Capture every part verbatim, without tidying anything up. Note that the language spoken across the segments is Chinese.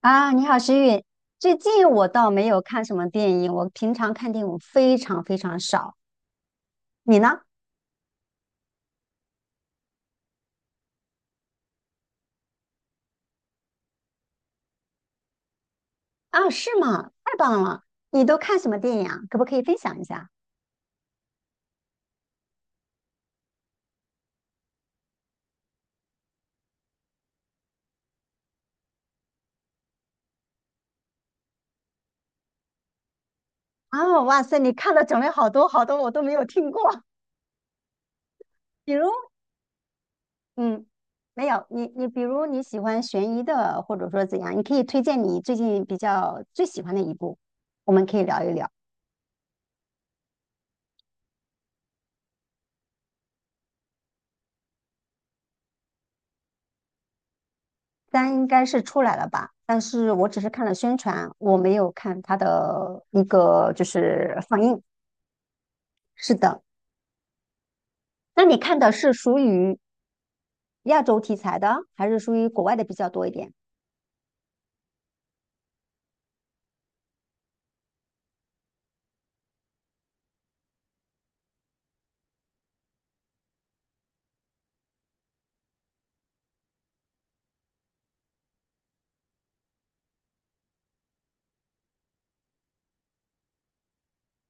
啊，你好，石韵。最近我倒没有看什么电影，我平常看电影非常非常少。你呢？啊，是吗？太棒了！你都看什么电影啊？可不可以分享一下？啊，哇塞，你看的种类好多好多，我都没有听过。比如，嗯，没有你，你比如你喜欢悬疑的，或者说怎样，你可以推荐你最近比较最喜欢的一部，我们可以聊一聊。三应该是出来了吧，但是我只是看了宣传，我没有看它的一个就是放映。是的，那你看的是属于亚洲题材的，还是属于国外的比较多一点？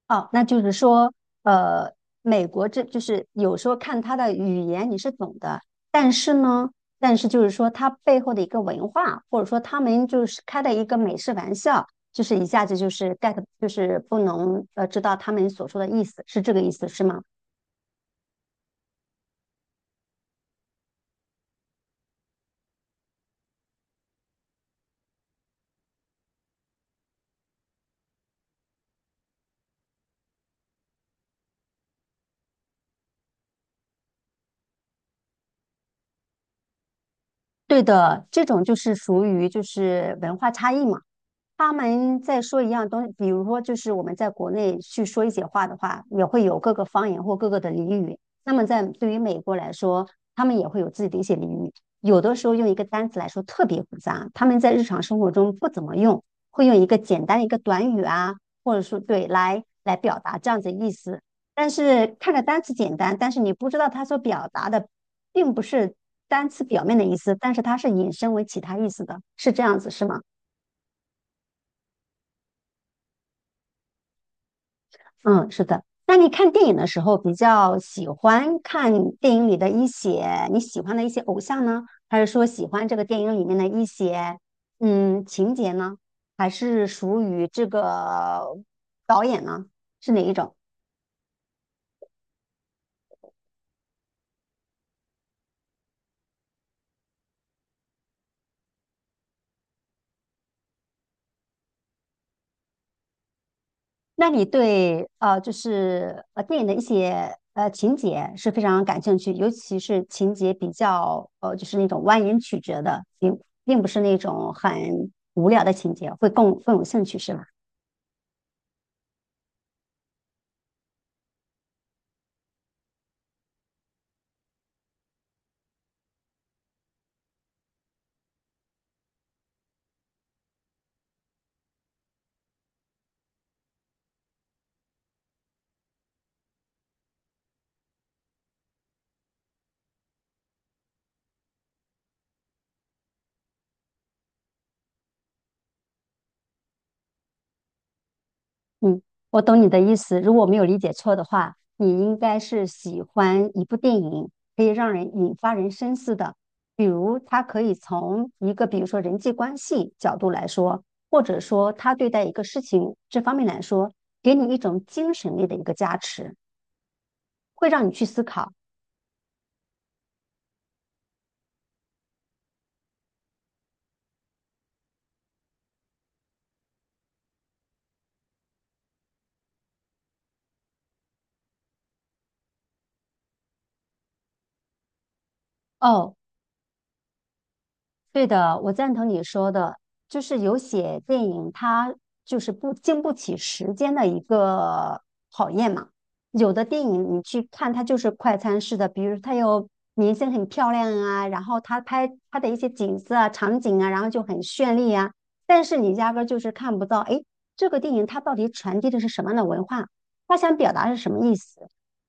哦，那就是说，呃，美国这就是有时候看他的语言你是懂的，但是呢，但是就是说他背后的一个文化，或者说他们就是开的一个美式玩笑。就是一下子就是 get,就是不能呃知道他们所说的意思，是这个意思是吗？对的，这种就是属于就是文化差异嘛。他们在说一样东西，比如说就是我们在国内去说一些话的话，也会有各个方言或各个的俚语。那么在对于美国来说，他们也会有自己的一些俚语，有的时候用一个单词来说特别复杂，他们在日常生活中不怎么用，会用一个简单的一个短语啊，或者说对来来表达这样子的意思。但是看着单词简单，但是你不知道它所表达的并不是单词表面的意思，但是它是引申为其他意思的，是这样子，是吗？嗯，是的。那你看电影的时候，比较喜欢看电影里的一些你喜欢的一些偶像呢，还是说喜欢这个电影里面的一些嗯情节呢？还是属于这个导演呢？是哪一种？那你对呃就是呃电影的一些呃情节是非常感兴趣，尤其是情节比较呃就是那种蜿蜒曲折的，并并不是那种很无聊的情节，会更更有兴趣，是吧？嗯，我懂你的意思。如果没有理解错的话，你应该是喜欢一部电影可以让人引发人深思的，比如他可以从一个比如说人际关系角度来说，或者说他对待一个事情这方面来说，给你一种精神力的一个加持，会让你去思考。哦，对的，我赞同你说的，就是有些电影它就是不经不起时间的一个考验嘛。有的电影你去看，它就是快餐式的，比如它有明星很漂亮啊，然后它拍它的一些景色啊、场景啊，然后就很绚丽啊，但是你压根儿就是看不到，诶，这个电影它到底传递的是什么样的文化？它想表达是什么意思？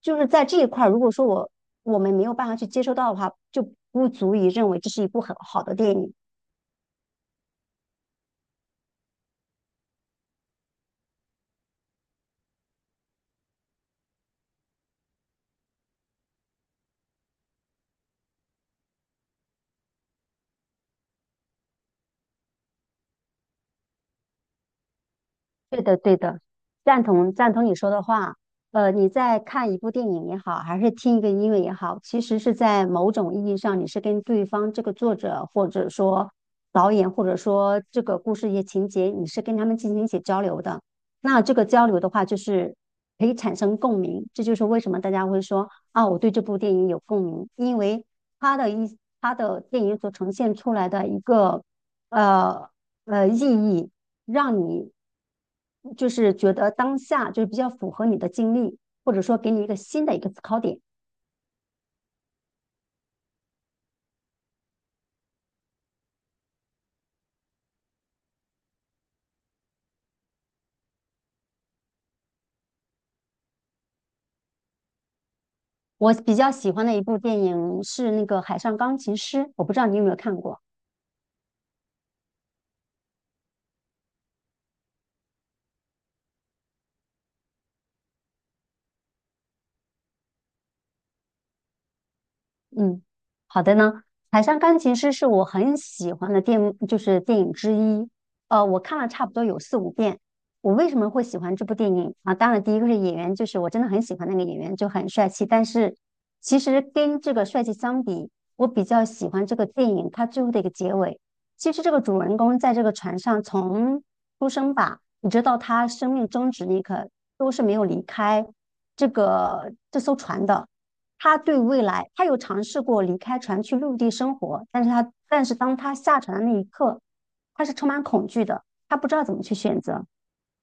就是在这一块儿，如果说我我们没有办法去接收到的话，就不足以认为这是一部很好的电影。对的，对的，赞同赞同你说的话。呃，你在看一部电影也好，还是听一个音乐也好，其实是在某种意义上，你是跟对方这个作者，或者说导演，或者说这个故事一些情节，你是跟他们进行一些交流的。那这个交流的话，就是可以产生共鸣。这就是为什么大家会说啊，我对这部电影有共鸣，因为他的一他的电影所呈现出来的一个呃。呃意义，让你就是觉得当下就是比较符合你的经历，或者说给你一个新的一个思考点。我比较喜欢的一部电影是那个《海上钢琴师》，我不知道你有没有看过。嗯，好的呢。《海上钢琴师》是我很喜欢的电，就是电影之一。呃，我看了差不多有四五遍。我为什么会喜欢这部电影啊？当然，第一个是演员，就是我真的很喜欢那个演员，就很帅气。但是其实跟这个帅气相比，我比较喜欢这个电影它最后的一个结尾。其实这个主人公在这个船上从出生吧，一直到他生命终止那一刻，都是没有离开这个这艘船的。他对未来，他有尝试过离开船去陆地生活，但是他，但是当他下船的那一刻，他是充满恐惧的，他不知道怎么去选择。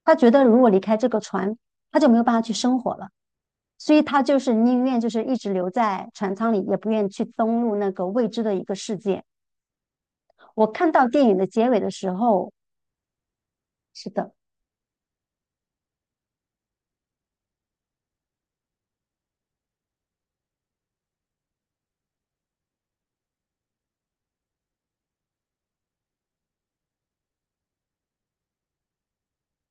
他觉得如果离开这个船，他就没有办法去生活了，所以他就是宁愿就是一直留在船舱里，也不愿去登陆那个未知的一个世界。我看到电影的结尾的时候，是的。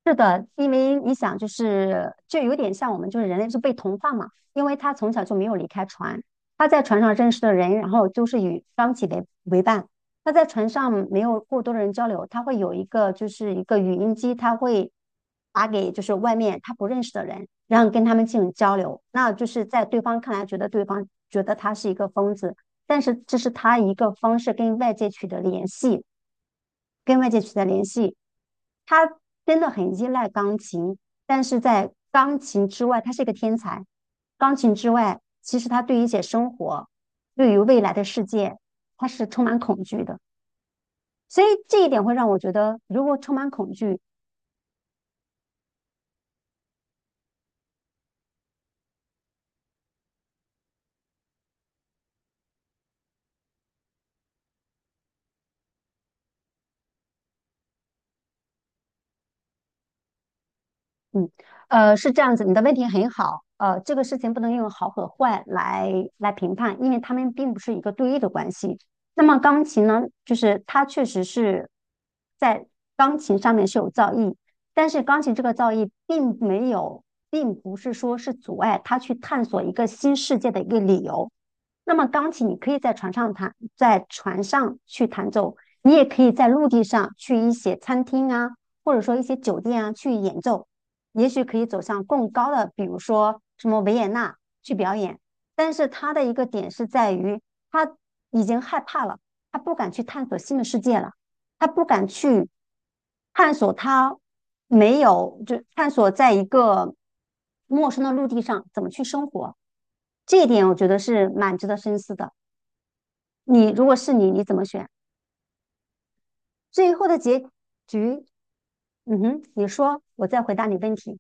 是的，因为你想，就是就有点像我们就是人类是被同化嘛，因为他从小就没有离开船，他在船上认识的人，然后就是与双体为为伴。他在船上没有过多的人交流，他会有一个就是一个语音机，他会打给就是外面他不认识的人，然后跟他们进行交流。那就是在对方看来，觉得对方觉得他是一个疯子，但是这是他一个方式跟外界取得联系。跟外界取得联系。他真的很依赖钢琴，但是在钢琴之外，他是一个天才。钢琴之外，其实他对于一些生活，对于未来的世界，他是充满恐惧的。所以这一点会让我觉得，如果充满恐惧，嗯，呃，是这样子，你的问题很好，呃，这个事情不能用好和坏来来评判，因为他们并不是一个对立的关系。那么钢琴呢，就是它确实是在钢琴上面是有造诣，但是钢琴这个造诣并没有，并不是说是阻碍他去探索一个新世界的一个理由。那么钢琴你可以在船上弹，在船上去弹奏，你也可以在陆地上去一些餐厅啊，或者说一些酒店啊去演奏。也许可以走向更高的，比如说什么维也纳去表演。但是他的一个点是在于，他已经害怕了，他不敢去探索新的世界了，他不敢去探索他没有，就探索在一个陌生的陆地上怎么去生活。这一点我觉得是蛮值得深思的。你如果是你，你怎么选？最后的结局，嗯哼，你说，我再回答你问题。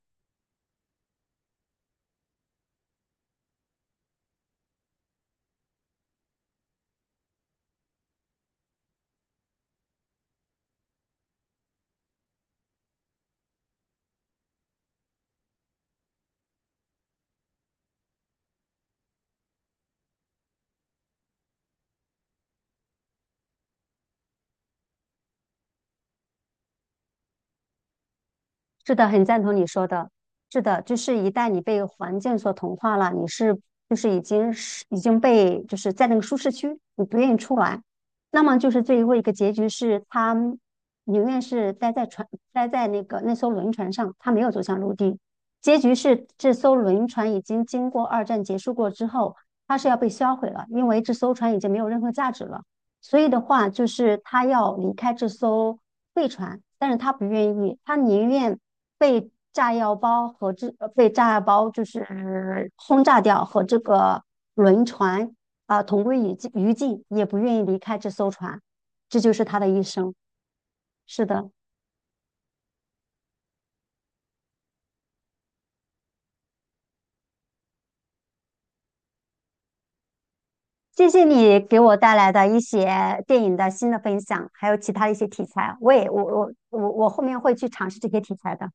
是的，很赞同你说的。是的，就是一旦你被环境所同化了，你是就是已经是已经被就是在那个舒适区，你不愿意出来。那么就是最后一个结局是，他宁愿是待在船，待在那个那艘轮船上，他没有走向陆地。结局是这艘轮船已经经过二战结束过之后，它是要被销毁了，因为这艘船已经没有任何价值了。所以的话，就是他要离开这艘废船，但是他不愿意，他宁愿被炸药包和这呃被炸药包就是轰炸掉和这个轮船啊、同归于尽于尽，也不愿意离开这艘船。这就是他的一生。是的，谢谢你给我带来的一些电影的新的分享，还有其他的一些题材。我也我我我我后面会去尝试这些题材的。